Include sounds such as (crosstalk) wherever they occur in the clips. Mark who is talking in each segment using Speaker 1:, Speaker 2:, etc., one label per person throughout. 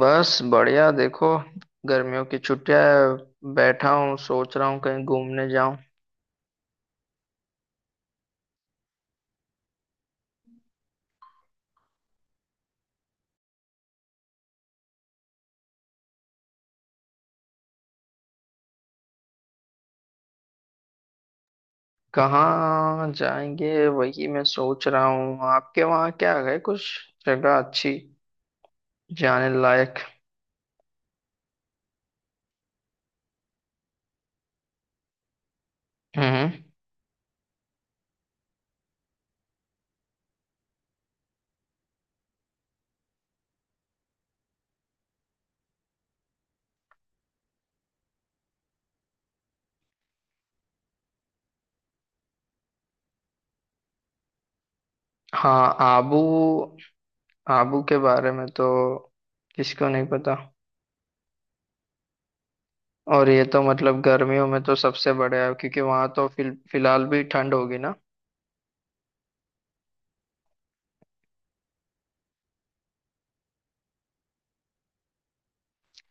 Speaker 1: बस बढ़िया देखो। गर्मियों की छुट्टियां हैं, बैठा हूँ सोच रहा हूँ कहीं घूमने जाऊं। कहाँ जाएंगे वही मैं सोच रहा हूँ। आपके वहाँ क्या है कुछ जगह अच्छी जाने लायक? हम्म। हाँ आबू। आबू के बारे में तो किसको नहीं पता। और ये तो मतलब गर्मियों में तो सबसे बढ़िया है क्योंकि वहाँ तो फिलहाल भी ठंड होगी ना।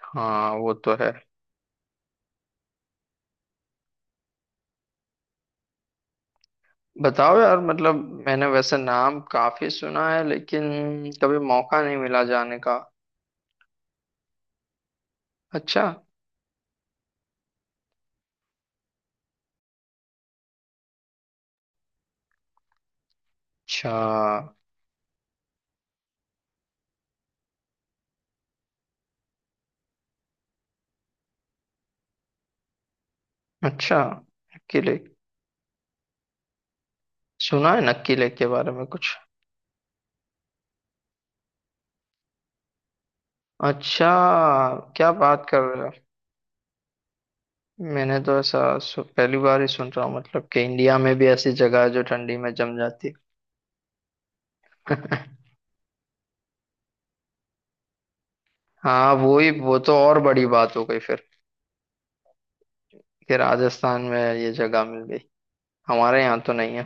Speaker 1: हाँ वो तो है। बताओ यार मतलब मैंने वैसे नाम काफी सुना है लेकिन कभी मौका नहीं मिला जाने का। अच्छा। अच्छा। अच्छा। नक्की लेक। सुना है नक्की लेक के बारे में कुछ? अच्छा। क्या बात कर रहे हो? मैंने तो ऐसा पहली बार ही सुन रहा हूँ मतलब कि इंडिया में भी ऐसी जगह है जो ठंडी में जम जाती है। (laughs) हाँ वो ही वो तो और बड़ी बात हो गई फिर कि राजस्थान में ये जगह मिल गई। हमारे यहाँ तो नहीं है।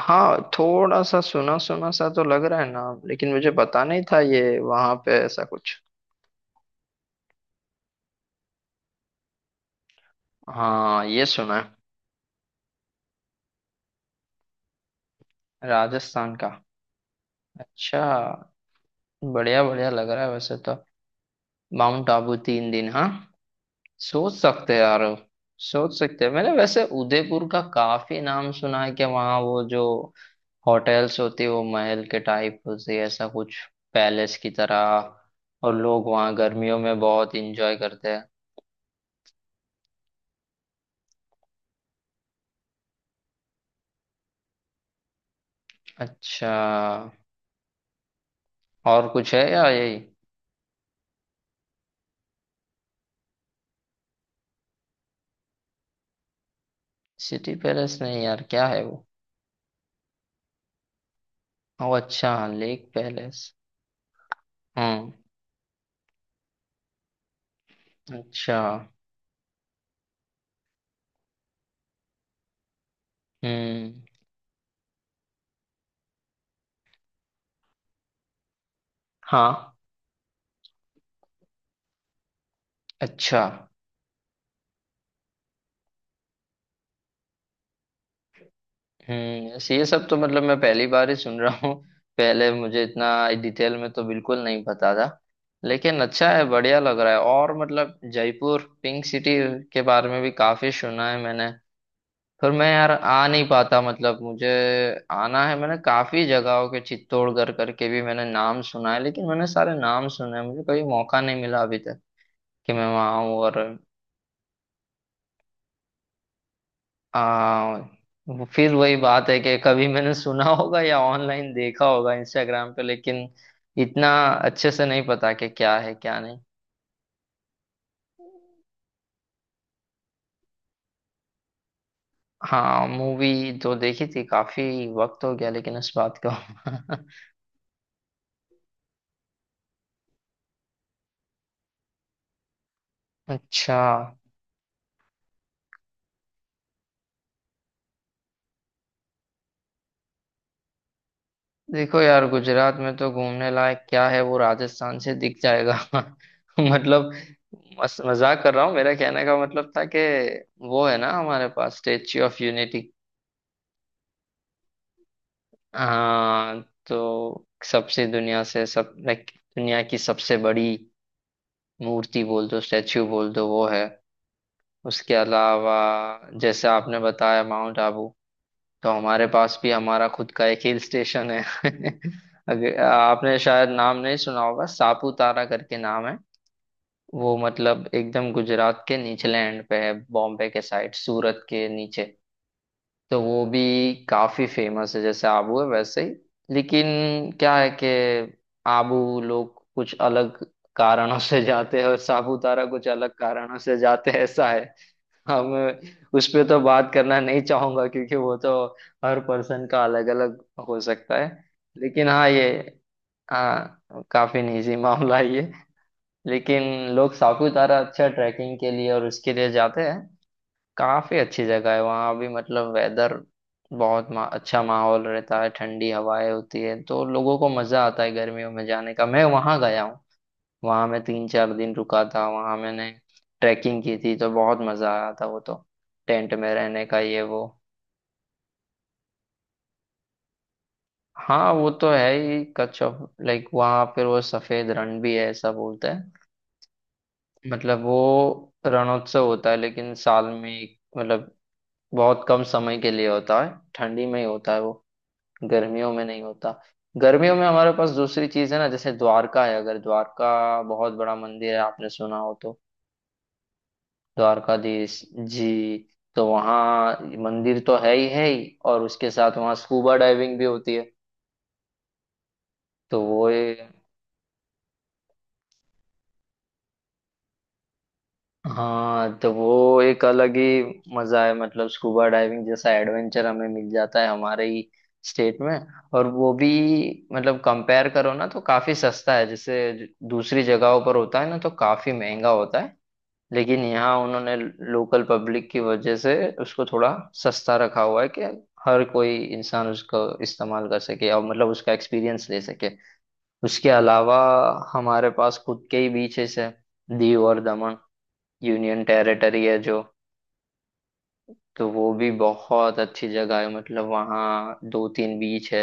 Speaker 1: हाँ थोड़ा सा सुना सुना सा तो लग रहा है नाम लेकिन मुझे पता नहीं था ये वहां पे ऐसा कुछ। हाँ ये सुना है। राजस्थान का। अच्छा। बढ़िया बढ़िया लग रहा है वैसे तो। माउंट आबू तीन दिन, हाँ। सोच सकते हैं यार। सोच सकते हैं। मैंने वैसे उदयपुर का काफी नाम सुना है कि वहाँ वो जो होटल्स होती है वो महल के टाइप होती है ऐसा कुछ, पैलेस की तरह। और लोग वहाँ गर्मियों में बहुत इंजॉय करते हैं। अच्छा। और कुछ है या यही? City palace? नहीं यार क्या है वो? ओ अच्छा लेक पैलेस। हम्म। अच्छा। हम्म। हाँ। अच्छा। ऐसे ये सब तो मतलब मैं पहली बार ही सुन रहा हूँ। पहले मुझे इतना डिटेल में तो बिल्कुल नहीं पता था। लेकिन अच्छा है बढ़िया लग रहा है। और मतलब जयपुर पिंक सिटी के बारे में भी काफी सुना है मैंने। फिर मैं यार आ नहीं पाता, मतलब मुझे आना है। मैंने काफी जगहों के चित्तौड़गढ़ करके भी मैंने नाम सुना है। लेकिन मैंने सारे नाम सुने हैं, मुझे कभी मौका नहीं मिला अभी तक कि मैं वहां आऊं और। आ, वो फिर वही बात है कि कभी मैंने सुना होगा या ऑनलाइन देखा होगा इंस्टाग्राम पे, लेकिन इतना अच्छे से नहीं पता कि क्या है क्या नहीं। हाँ मूवी तो देखी थी। काफी वक्त हो गया लेकिन इस बात को। (laughs) अच्छा। देखो यार गुजरात में तो घूमने लायक क्या है, वो राजस्थान से दिख जाएगा। (laughs) मतलब मजाक कर रहा हूँ। मेरा कहने का मतलब था कि वो है ना हमारे पास स्टेच्यू ऑफ यूनिटी। हाँ तो सबसे दुनिया से सब लाइक, दुनिया की सबसे बड़ी मूर्ति बोल दो स्टेच्यू बोल दो, वो है। उसके अलावा जैसे आपने बताया माउंट आबू, तो हमारे पास भी हमारा खुद का एक हिल स्टेशन है। (laughs) अगर आपने शायद नाम नहीं सुना होगा, सापुतारा करके नाम है। वो मतलब एकदम गुजरात के निचले एंड पे है, बॉम्बे के साइड सूरत के नीचे। तो वो भी काफी फेमस है जैसे आबू है वैसे ही। लेकिन क्या है कि आबू लोग कुछ अलग कारणों से जाते हैं और सापुतारा कुछ अलग कारणों से जाते हैं ऐसा। हम। उस पे तो बात करना नहीं चाहूंगा क्योंकि वो तो हर पर्सन का अलग अलग हो सकता है। लेकिन हाँ ये, हाँ काफी निजी मामला है ये। लेकिन लोग सापुतारा अच्छा ट्रैकिंग के लिए और उसके लिए जाते हैं। काफी अच्छी जगह है वहाँ भी। मतलब वेदर बहुत अच्छा माहौल रहता है। ठंडी हवाएं होती है तो लोगों को मजा आता है गर्मियों में जाने का। मैं वहां गया हूँ। वहां मैं तीन चार दिन रुका था। वहां मैंने ट्रैकिंग की थी तो बहुत मजा आया था, वो तो टेंट में रहने का ये वो। हाँ वो तो है ही, कच्छ ऑफ लाइक, वहां फिर वो सफेद रण भी है ऐसा बोलते हैं। मतलब वो रणोत्सव होता है लेकिन साल में एक- मतलब बहुत कम समय के लिए होता है, ठंडी में ही होता है वो, गर्मियों में नहीं होता। गर्मियों में हमारे पास दूसरी चीज है ना, जैसे द्वारका है। अगर द्वारका, बहुत बड़ा मंदिर है आपने सुना हो तो, द्वारकाधीश जी। तो वहाँ मंदिर तो है ही है ही, और उसके साथ वहाँ स्कूबा डाइविंग भी होती है। तो वो ए-, हाँ तो वो एक अलग ही मजा है। मतलब स्कूबा डाइविंग जैसा एडवेंचर हमें मिल जाता है हमारे ही स्टेट में। और वो भी मतलब कंपेयर करो ना तो काफी सस्ता है। जैसे दूसरी जगहों पर होता है ना तो काफी महंगा होता है, लेकिन यहाँ उन्होंने लोकल पब्लिक की वजह से उसको थोड़ा सस्ता रखा हुआ है कि हर कोई इंसान उसको इस्तेमाल कर सके और मतलब उसका एक्सपीरियंस ले सके। उसके अलावा हमारे पास खुद के ही बीचेस है, दीव और दमन, यूनियन टेरिटरी है जो। तो वो भी बहुत अच्छी जगह है। मतलब वहाँ दो तीन बीच है,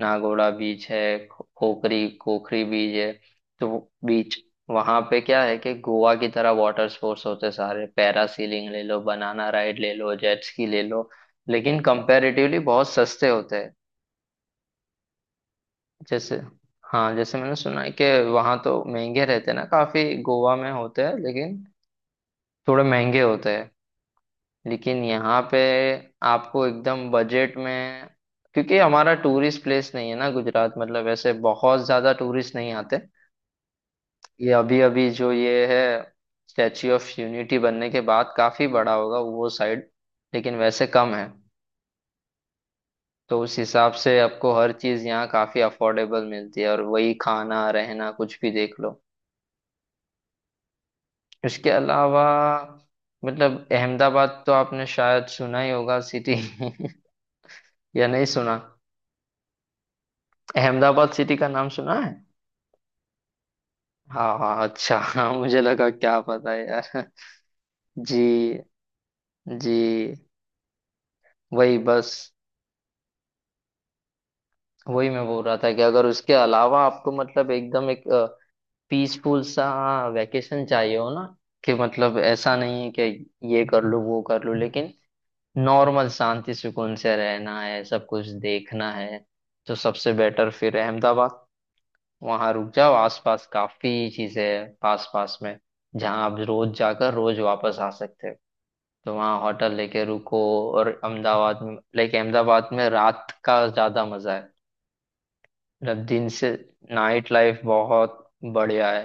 Speaker 1: नागोड़ा बीच है, खोखरी खोखरी बीच है। तो वो बीच वहां पे क्या है कि गोवा की तरह वाटर स्पोर्ट्स होते सारे, पैरासीलिंग ले लो, बनाना राइड ले लो, जेट स्की ले लो, लेकिन कंपैरेटिवली बहुत सस्ते होते हैं। जैसे, हाँ जैसे मैंने सुना है कि वहाँ तो महंगे रहते हैं ना काफी गोवा में होते हैं, लेकिन थोड़े महंगे होते हैं। लेकिन यहाँ पे आपको एकदम बजट में, क्योंकि हमारा टूरिस्ट प्लेस नहीं है ना गुजरात, मतलब ऐसे बहुत ज्यादा टूरिस्ट नहीं आते। ये अभी अभी जो ये है स्टैच्यू ऑफ यूनिटी बनने के बाद काफी बड़ा होगा वो साइड, लेकिन वैसे कम है। तो उस हिसाब से आपको हर चीज यहाँ काफी अफोर्डेबल मिलती है, और वही खाना रहना कुछ भी देख लो। इसके अलावा मतलब अहमदाबाद तो आपने शायद सुना ही होगा, सिटी। (laughs) या नहीं सुना? अहमदाबाद सिटी का नाम सुना है? हाँ हाँ अच्छा। (laughs) हाँ मुझे लगा क्या पता है यार। (laughs) जी। जी। वही बस। वही मैं बोल रहा था कि अगर उसके अलावा आपको मतलब एकदम एक पीसफुल सा वैकेशन चाहिए हो ना, कि मतलब ऐसा नहीं है कि ये कर लूँ वो कर लूँ, लेकिन नॉर्मल शांति सुकून से रहना है सब कुछ देखना है, तो सबसे बेटर फिर अहमदाबाद। वहाँ रुक जाओ, आसपास काफी चीजें हैं पास पास में जहाँ आप रोज जाकर रोज वापस आ सकते हो। तो वहाँ होटल लेके रुको। और अहमदाबाद में लाइक अहमदाबाद में रात का ज्यादा मजा है। मतलब दिन से नाइट लाइफ बहुत बढ़िया है।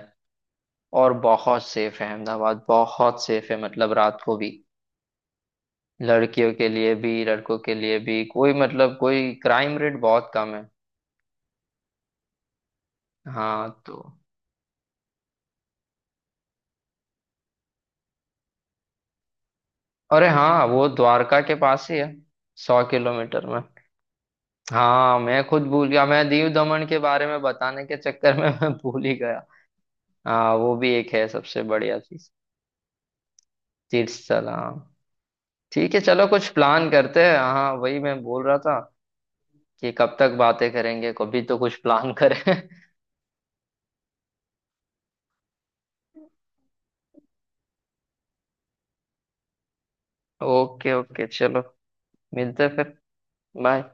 Speaker 1: और बहुत सेफ है अहमदाबाद, बहुत सेफ है मतलब रात को भी। लड़कियों के लिए भी लड़कों के लिए भी, कोई मतलब कोई क्राइम रेट बहुत कम है। हाँ तो। अरे हाँ वो द्वारका के पास ही है, 100 किलोमीटर में। हाँ मैं खुद भूल गया। मैं दीव दमन के बारे में बताने के चक्कर में मैं भूल ही गया। हाँ वो भी एक है सबसे बढ़िया चीज, तीर्थ स्थल, हाँ। ठीक है चलो कुछ प्लान करते हैं। हाँ वही मैं बोल रहा था कि कब तक बातें करेंगे, कभी तो कुछ प्लान करें। (laughs) ओके ओके चलो। मिलते हैं फिर। बाय।